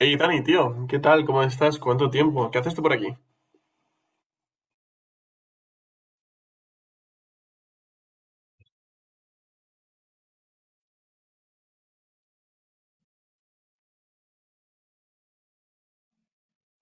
Hey Dani, tío, ¿qué tal? ¿Cómo estás? ¿Cuánto tiempo? ¿Qué haces tú por aquí?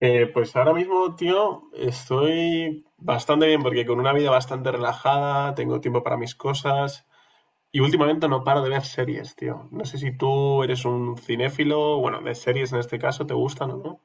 Pues ahora mismo, tío, estoy bastante bien porque con una vida bastante relajada, tengo tiempo para mis cosas y últimamente no paro de ver series, tío. No sé si tú eres un cinéfilo, bueno, de series en este caso, ¿te gustan o no?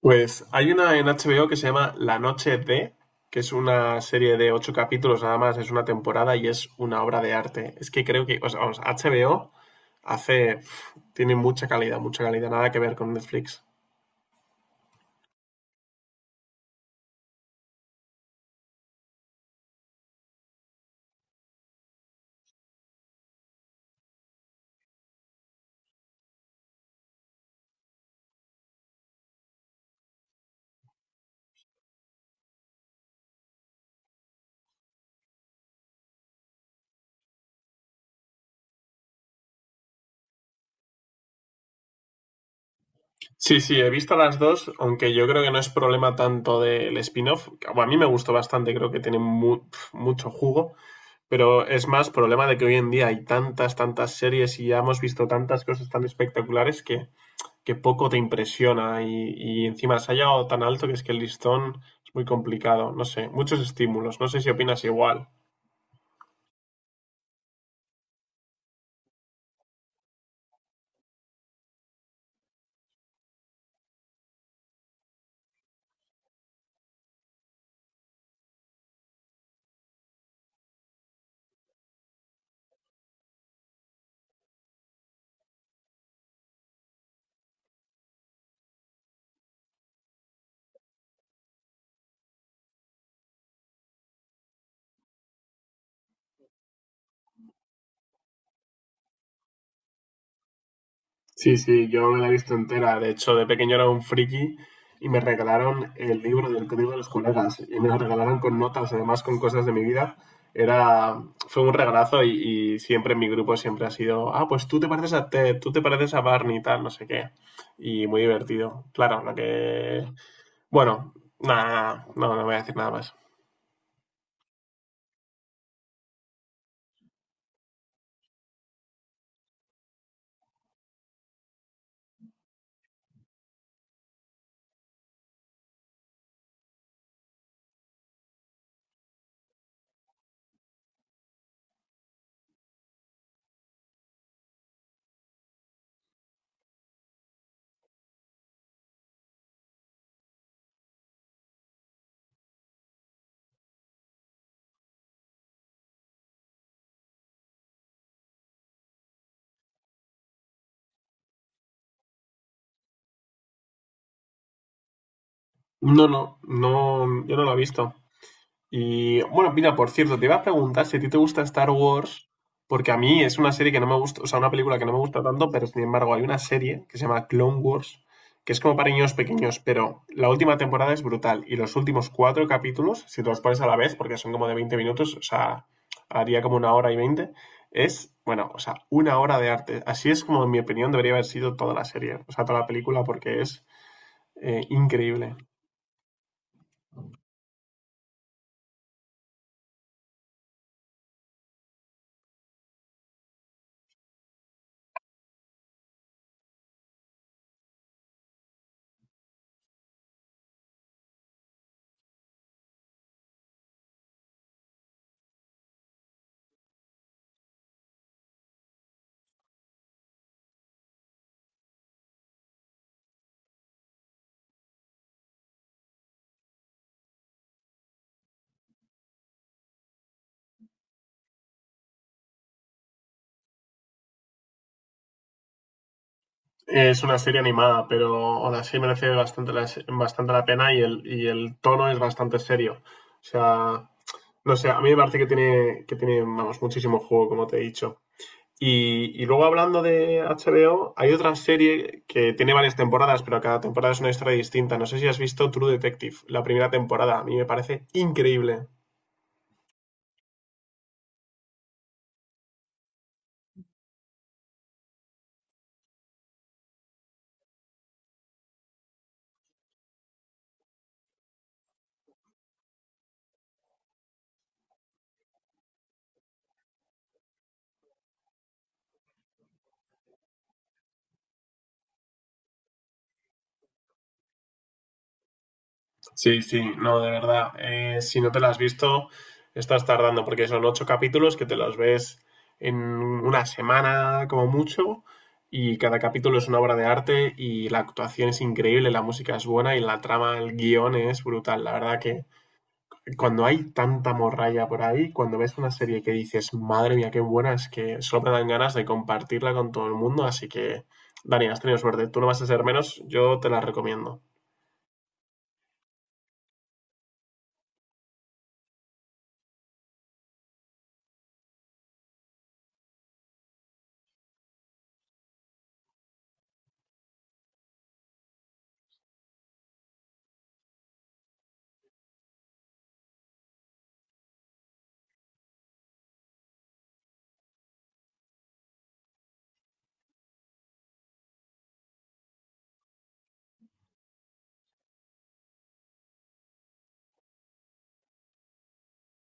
Pues hay una en HBO que se llama La Noche de, que es una serie de ocho capítulos nada más, es una temporada y es una obra de arte. Es que creo que, o sea, vamos, HBO tiene mucha calidad, nada que ver con Netflix. Sí, sí, he visto las dos, aunque yo creo que no es problema tanto del spin-off, bueno, a mí me gustó bastante, creo que tiene mucho jugo, pero es más problema de que hoy en día hay tantas, tantas series y ya hemos visto tantas cosas tan espectaculares que poco te impresiona y encima se ha llegado tan alto que es que el listón es muy complicado, no sé, muchos estímulos, no sé si opinas igual. Sí, sí, yo me la he visto entera. De hecho, de pequeño era un friki y me regalaron el libro del Código de los Colegas. Y me lo regalaron con notas, además con cosas de mi vida. Fue un regalazo y siempre en mi grupo siempre ha sido, ah, pues tú te pareces a Ted, tú te pareces a Barney y tal, no sé qué. Y muy divertido. Claro. Bueno, nada, nada, no, no voy a decir nada más. No, no, no, yo no lo he visto. Y bueno, mira, por cierto, te iba a preguntar si a ti te gusta Star Wars, porque a mí es una serie que no me gusta, o sea, una película que no me gusta tanto, pero sin embargo hay una serie que se llama Clone Wars, que es como para niños pequeños, pero la última temporada es brutal y los últimos cuatro capítulos, si te los pones a la vez, porque son como de 20 minutos, o sea, haría como una hora y 20 es, bueno, o sea, una hora de arte. Así es como, en mi opinión, debería haber sido toda la serie, o sea, toda la película, porque es increíble. Es una serie animada, pero aún así merece bastante la pena y el tono es bastante serio. O sea, no sé, a mí me parece que tiene vamos, muchísimo juego, como te he dicho. Y luego hablando de HBO, hay otra serie que tiene varias temporadas, pero cada temporada es una historia distinta. No sé si has visto True Detective, la primera temporada. A mí me parece increíble. Sí, sí, no, de verdad. Si no te la has visto, estás tardando, porque son ocho capítulos que te los ves en una semana como mucho, y cada capítulo es una obra de arte, y la actuación es increíble, la música es buena, y la trama, el guión es brutal. La verdad que cuando hay tanta morralla por ahí, cuando ves una serie que dices, madre mía, qué buena, es que solo te dan ganas de compartirla con todo el mundo, así que, Dani, has tenido suerte. Tú no vas a ser menos, yo te la recomiendo.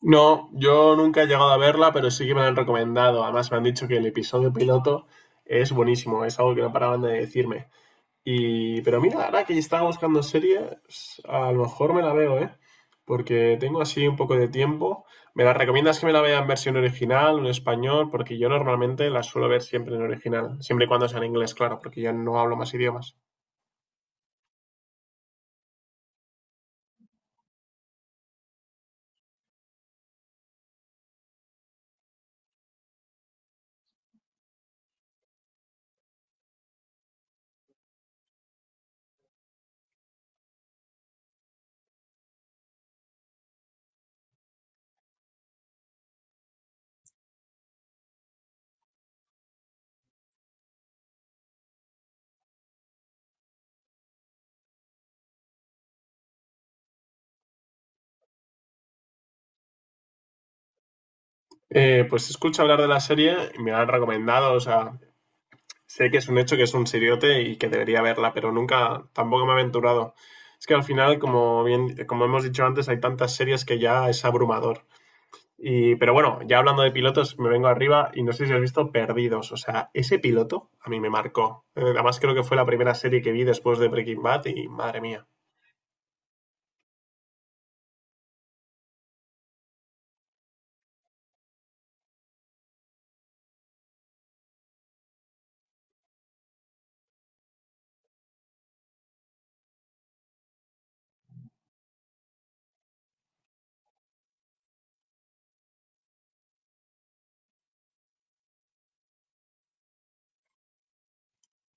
No, yo nunca he llegado a verla, pero sí que me la han recomendado. Además, me han dicho que el episodio piloto es buenísimo, es algo que no paraban de decirme. Pero mira, ahora que estaba buscando series, a lo mejor me la veo, ¿eh? Porque tengo así un poco de tiempo. ¿Me la recomiendas que me la vea en versión original, en español? Porque yo normalmente la suelo ver siempre en original, siempre y cuando sea en inglés, claro, porque yo no hablo más idiomas. Pues escucho hablar de la serie y me la han recomendado, o sea, sé que es un hecho que es un siriote y que debería verla, pero nunca, tampoco me he aventurado. Es que al final, como bien, como hemos dicho antes, hay tantas series que ya es abrumador. Pero bueno, ya hablando de pilotos, me vengo arriba y no sé si has visto Perdidos. O sea, ese piloto a mí me marcó. Además, creo que fue la primera serie que vi después de Breaking Bad y madre mía.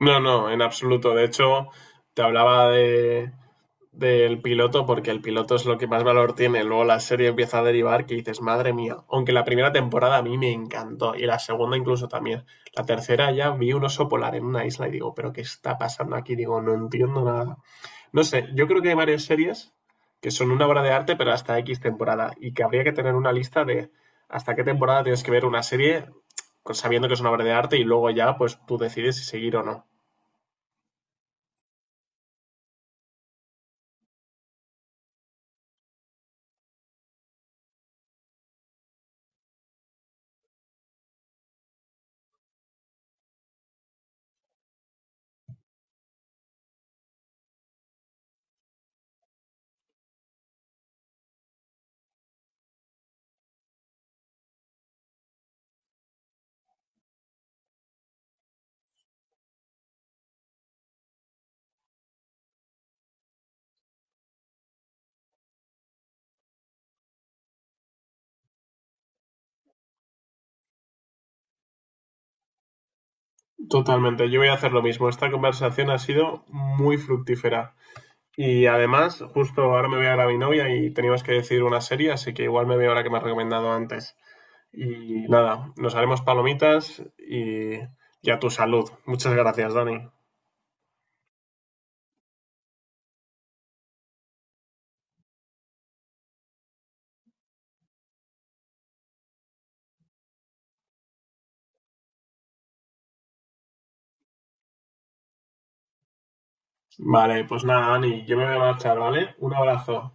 No, no, en absoluto. De hecho, te hablaba de del piloto porque el piloto es lo que más valor tiene. Luego la serie empieza a derivar que dices, madre mía, aunque la primera temporada a mí me encantó y la segunda incluso también. La tercera ya vi un oso polar en una isla y digo, pero ¿qué está pasando aquí? Digo, no entiendo nada. No sé, yo creo que hay varias series que son una obra de arte pero hasta X temporada y que habría que tener una lista de hasta qué temporada tienes que ver una serie pues, sabiendo que es una obra de arte y luego ya pues tú decides si seguir o no. Totalmente, yo voy a hacer lo mismo. Esta conversación ha sido muy fructífera. Y además, justo ahora me voy a ver a mi novia y teníamos que decidir una serie, así que igual me veo la que me has recomendado antes. Y nada, nos haremos palomitas y a tu salud. Muchas gracias, Dani. Vale, pues nada, Dani, yo me voy a marchar, ¿vale? Un abrazo.